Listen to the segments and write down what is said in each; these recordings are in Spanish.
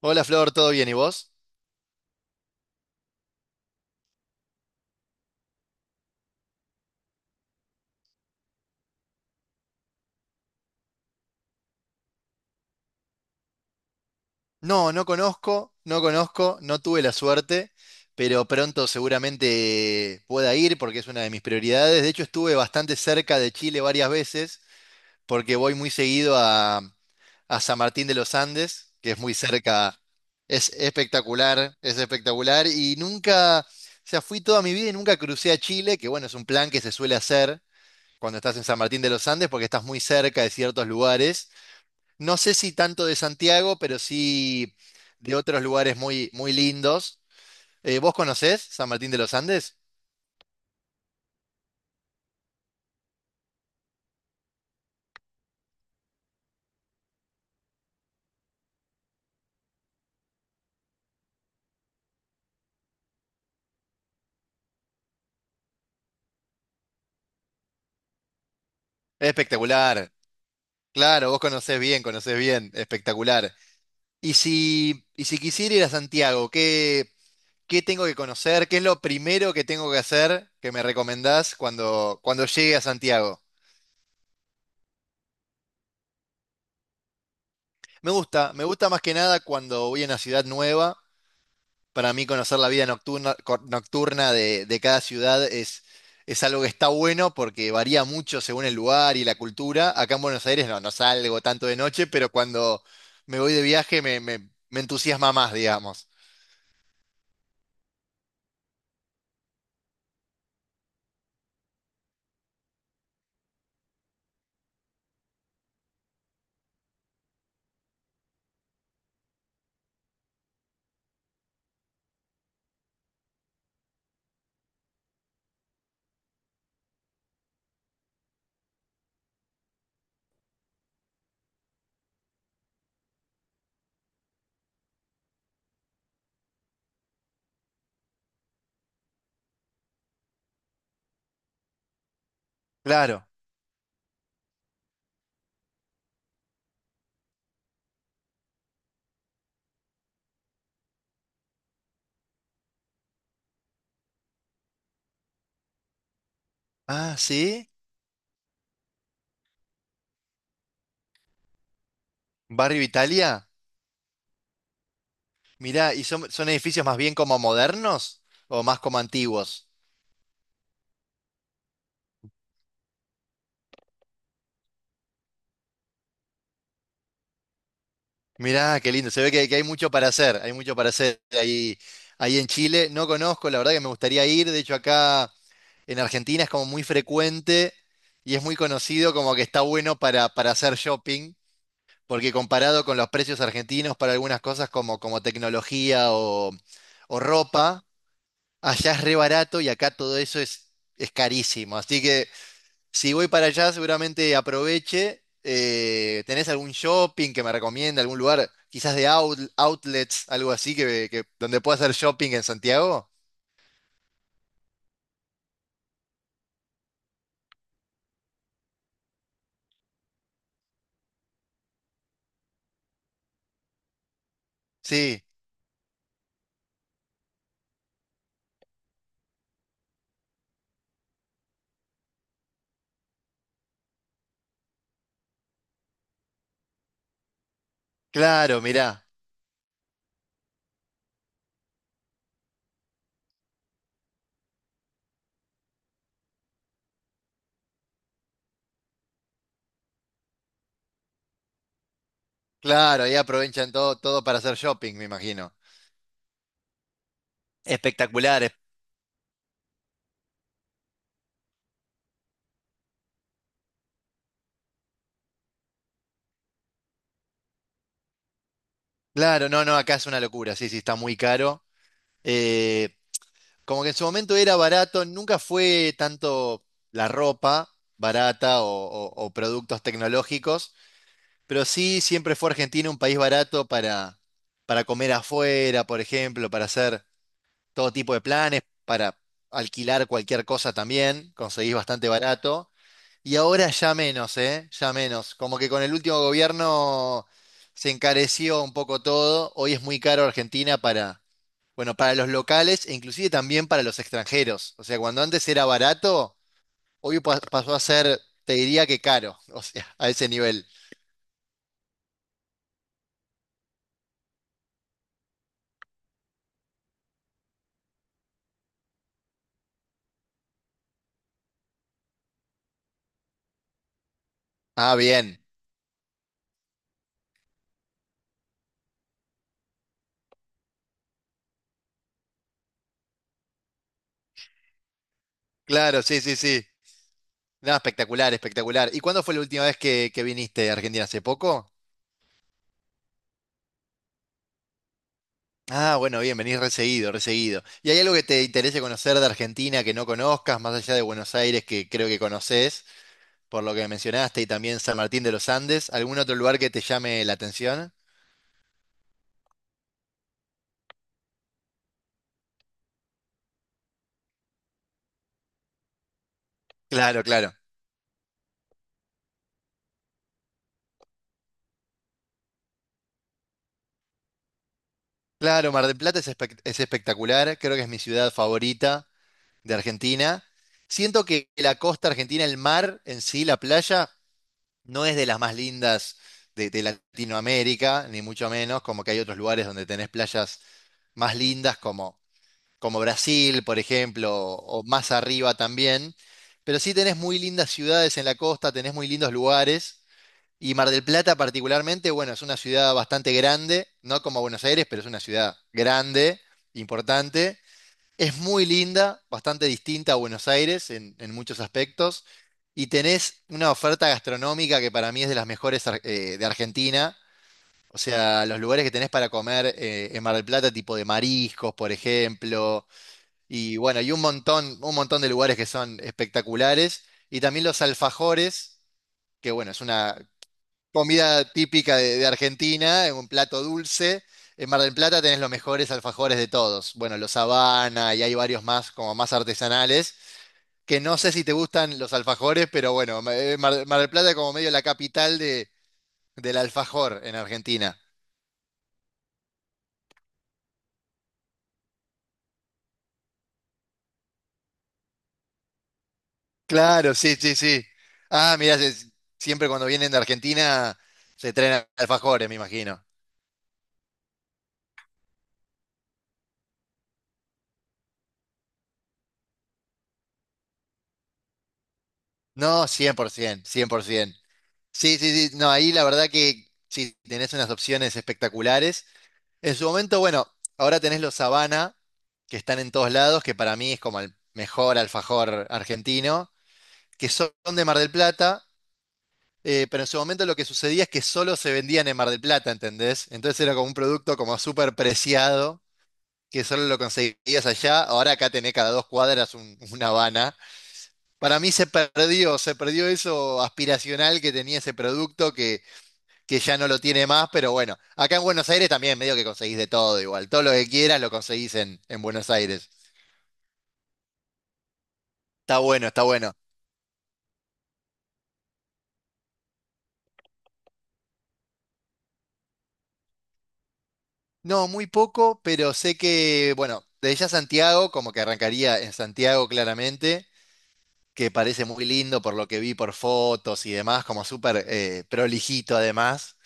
Hola Flor, ¿todo bien? ¿Y vos? No, no conozco, no tuve la suerte, pero pronto seguramente pueda ir porque es una de mis prioridades. De hecho, estuve bastante cerca de Chile varias veces porque voy muy seguido a San Martín de los Andes, que es muy cerca, es espectacular, es espectacular. Y nunca, o sea, fui toda mi vida y nunca crucé a Chile, que bueno, es un plan que se suele hacer cuando estás en San Martín de los Andes porque estás muy cerca de ciertos lugares. No sé si tanto de Santiago, pero sí de otros lugares muy, muy lindos. ¿Vos conocés San Martín de los Andes? Espectacular. Claro, vos conocés bien, conocés bien. Espectacular. Y si quisiera ir a Santiago, ¿qué tengo que conocer? ¿Qué es lo primero que tengo que hacer que me recomendás cuando llegue a Santiago? Me gusta más que nada cuando voy a una ciudad nueva. Para mí conocer la vida nocturna, nocturna de cada ciudad es algo que está bueno porque varía mucho según el lugar y la cultura. Acá en Buenos Aires no salgo tanto de noche, pero cuando me voy de viaje me entusiasma más, digamos. Claro. Ah, ¿sí? ¿Barrio Italia? Mirá, ¿y son edificios más bien como modernos o más como antiguos? Mirá, qué lindo. Se ve que hay mucho para hacer, hay mucho para hacer ahí en Chile. No conozco, la verdad que me gustaría ir. De hecho, acá en Argentina es como muy frecuente y es muy conocido como que está bueno para hacer shopping, porque comparado con los precios argentinos para algunas cosas como tecnología o ropa, allá es re barato y acá todo eso es carísimo. Así que si voy para allá seguramente aproveche. ¿Tenés algún shopping que me recomienda, algún lugar, quizás de outlets, algo así, donde pueda hacer shopping en Santiago? Sí, claro, mirá. Claro, ahí aprovechan todo, todo para hacer shopping, me imagino. Espectaculares. Claro, no, no, acá es una locura, sí, sí, está muy caro. Eh, como que en su momento era barato, nunca fue tanto la ropa barata o productos tecnológicos, pero sí siempre fue Argentina un país barato para comer afuera, por ejemplo, para hacer todo tipo de planes, para alquilar cualquier cosa también, conseguís bastante barato. Y ahora ya menos, ¿eh? Ya menos. Como que con el último gobierno se encareció un poco todo. Hoy es muy caro Argentina para, bueno, para los locales e inclusive también para los extranjeros. O sea, cuando antes era barato, hoy pasó a ser, te diría que caro. O sea, a ese nivel. Ah, bien. Claro, sí, sí, sí. Nada, espectacular, espectacular. ¿Y cuándo fue la última vez que viniste a Argentina? ¿Hace poco? Ah, bueno, bien, venís reseguido, reseguido. ¿Y hay algo que te interese conocer de Argentina que no conozcas, más allá de Buenos Aires, que creo que conoces, por lo que mencionaste, y también San Martín de los Andes? ¿Algún otro lugar que te llame la atención? Claro, claro. Claro, Mar del Plata es espectacular, creo que es mi ciudad favorita de Argentina. Siento que la costa argentina, el mar en sí, la playa, no es de las más lindas de Latinoamérica, ni mucho menos, como que hay otros lugares donde tenés playas más lindas como Brasil, por ejemplo, o más arriba también. Pero sí tenés muy lindas ciudades en la costa, tenés muy lindos lugares. Y Mar del Plata particularmente, bueno, es una ciudad bastante grande, no como Buenos Aires, pero es una ciudad grande, importante. Es muy linda, bastante distinta a Buenos Aires en muchos aspectos. Y tenés una oferta gastronómica que para mí es de las mejores de Argentina. O sea, los lugares que tenés para comer en Mar del Plata, tipo de mariscos, por ejemplo, y bueno, y un montón de lugares que son espectaculares. Y también los alfajores, que bueno, es una comida típica de Argentina, es un plato dulce. En Mar del Plata tenés los mejores alfajores de todos. Bueno, los Habana y hay varios más, como más artesanales, que no sé si te gustan los alfajores, pero bueno, Mar del Plata es como medio la capital del alfajor en Argentina. Claro, sí, sí, sí. Ah, mirá, siempre cuando vienen de Argentina se traen alfajores, me imagino. No, por ciento, cien por 100%. Sí, sí, sí. No, ahí la verdad que sí, tenés unas opciones espectaculares. En su momento, bueno, ahora tenés los Habana, que están en todos lados, que para mí es como el mejor alfajor argentino, que son de Mar del Plata, pero en su momento lo que sucedía es que solo se vendían en Mar del Plata, ¿entendés? Entonces era como un producto como súper preciado, que solo lo conseguías allá. Ahora acá tenés cada dos cuadras un Habana. Para mí se perdió eso aspiracional que tenía ese producto que ya no lo tiene más, pero bueno, acá en Buenos Aires también medio que conseguís de todo igual, todo lo que quieras lo conseguís en Buenos Aires. Está bueno, está bueno. No, muy poco, pero sé que, bueno, desde ya Santiago, como que arrancaría en Santiago claramente, que parece muy lindo por lo que vi por fotos y demás, como súper prolijito además.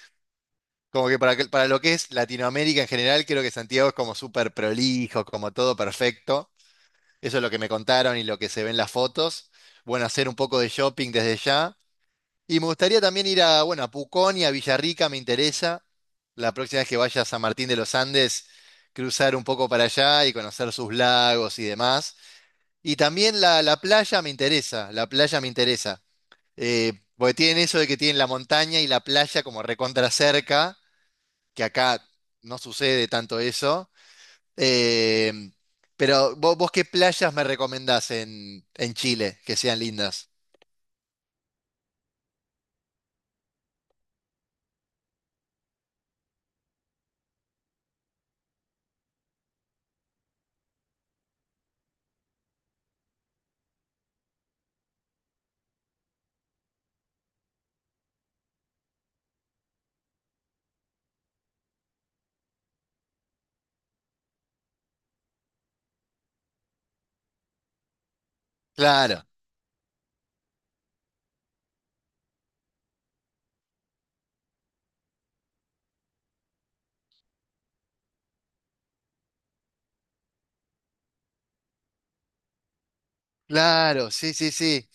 Como que para lo que es Latinoamérica en general, creo que Santiago es como súper prolijo, como todo perfecto. Eso es lo que me contaron y lo que se ve en las fotos. Bueno, hacer un poco de shopping desde ya. Y me gustaría también ir a, bueno, a Pucón y a Villarrica, me interesa. La próxima vez que vaya a San Martín de los Andes, cruzar un poco para allá y conocer sus lagos y demás. Y también la playa me interesa, la playa me interesa. Porque tienen eso de que tienen la montaña y la playa como recontra cerca, que acá no sucede tanto eso. Eh, pero vos, qué playas me recomendás en Chile que sean lindas? Claro, claro, sí, sí, sí.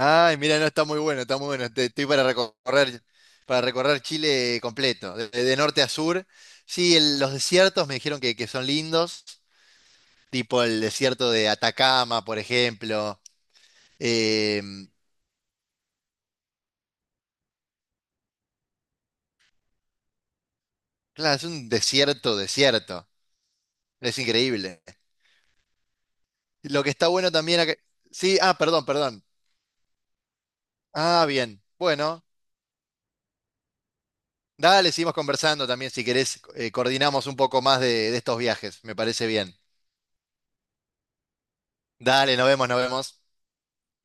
Ay, mira, no, está muy bueno, está muy bueno. Estoy para recorrer Chile completo, de norte a sur. Sí, los desiertos me dijeron que son lindos, tipo el desierto de Atacama, por ejemplo. Eh, claro, es un desierto, desierto. Es increíble. Lo que está bueno también acá- Sí, ah, perdón, perdón. Ah, bien. Bueno. Dale, seguimos conversando también, si querés, coordinamos un poco más de estos viajes, me parece bien. Dale, nos vemos, nos vemos.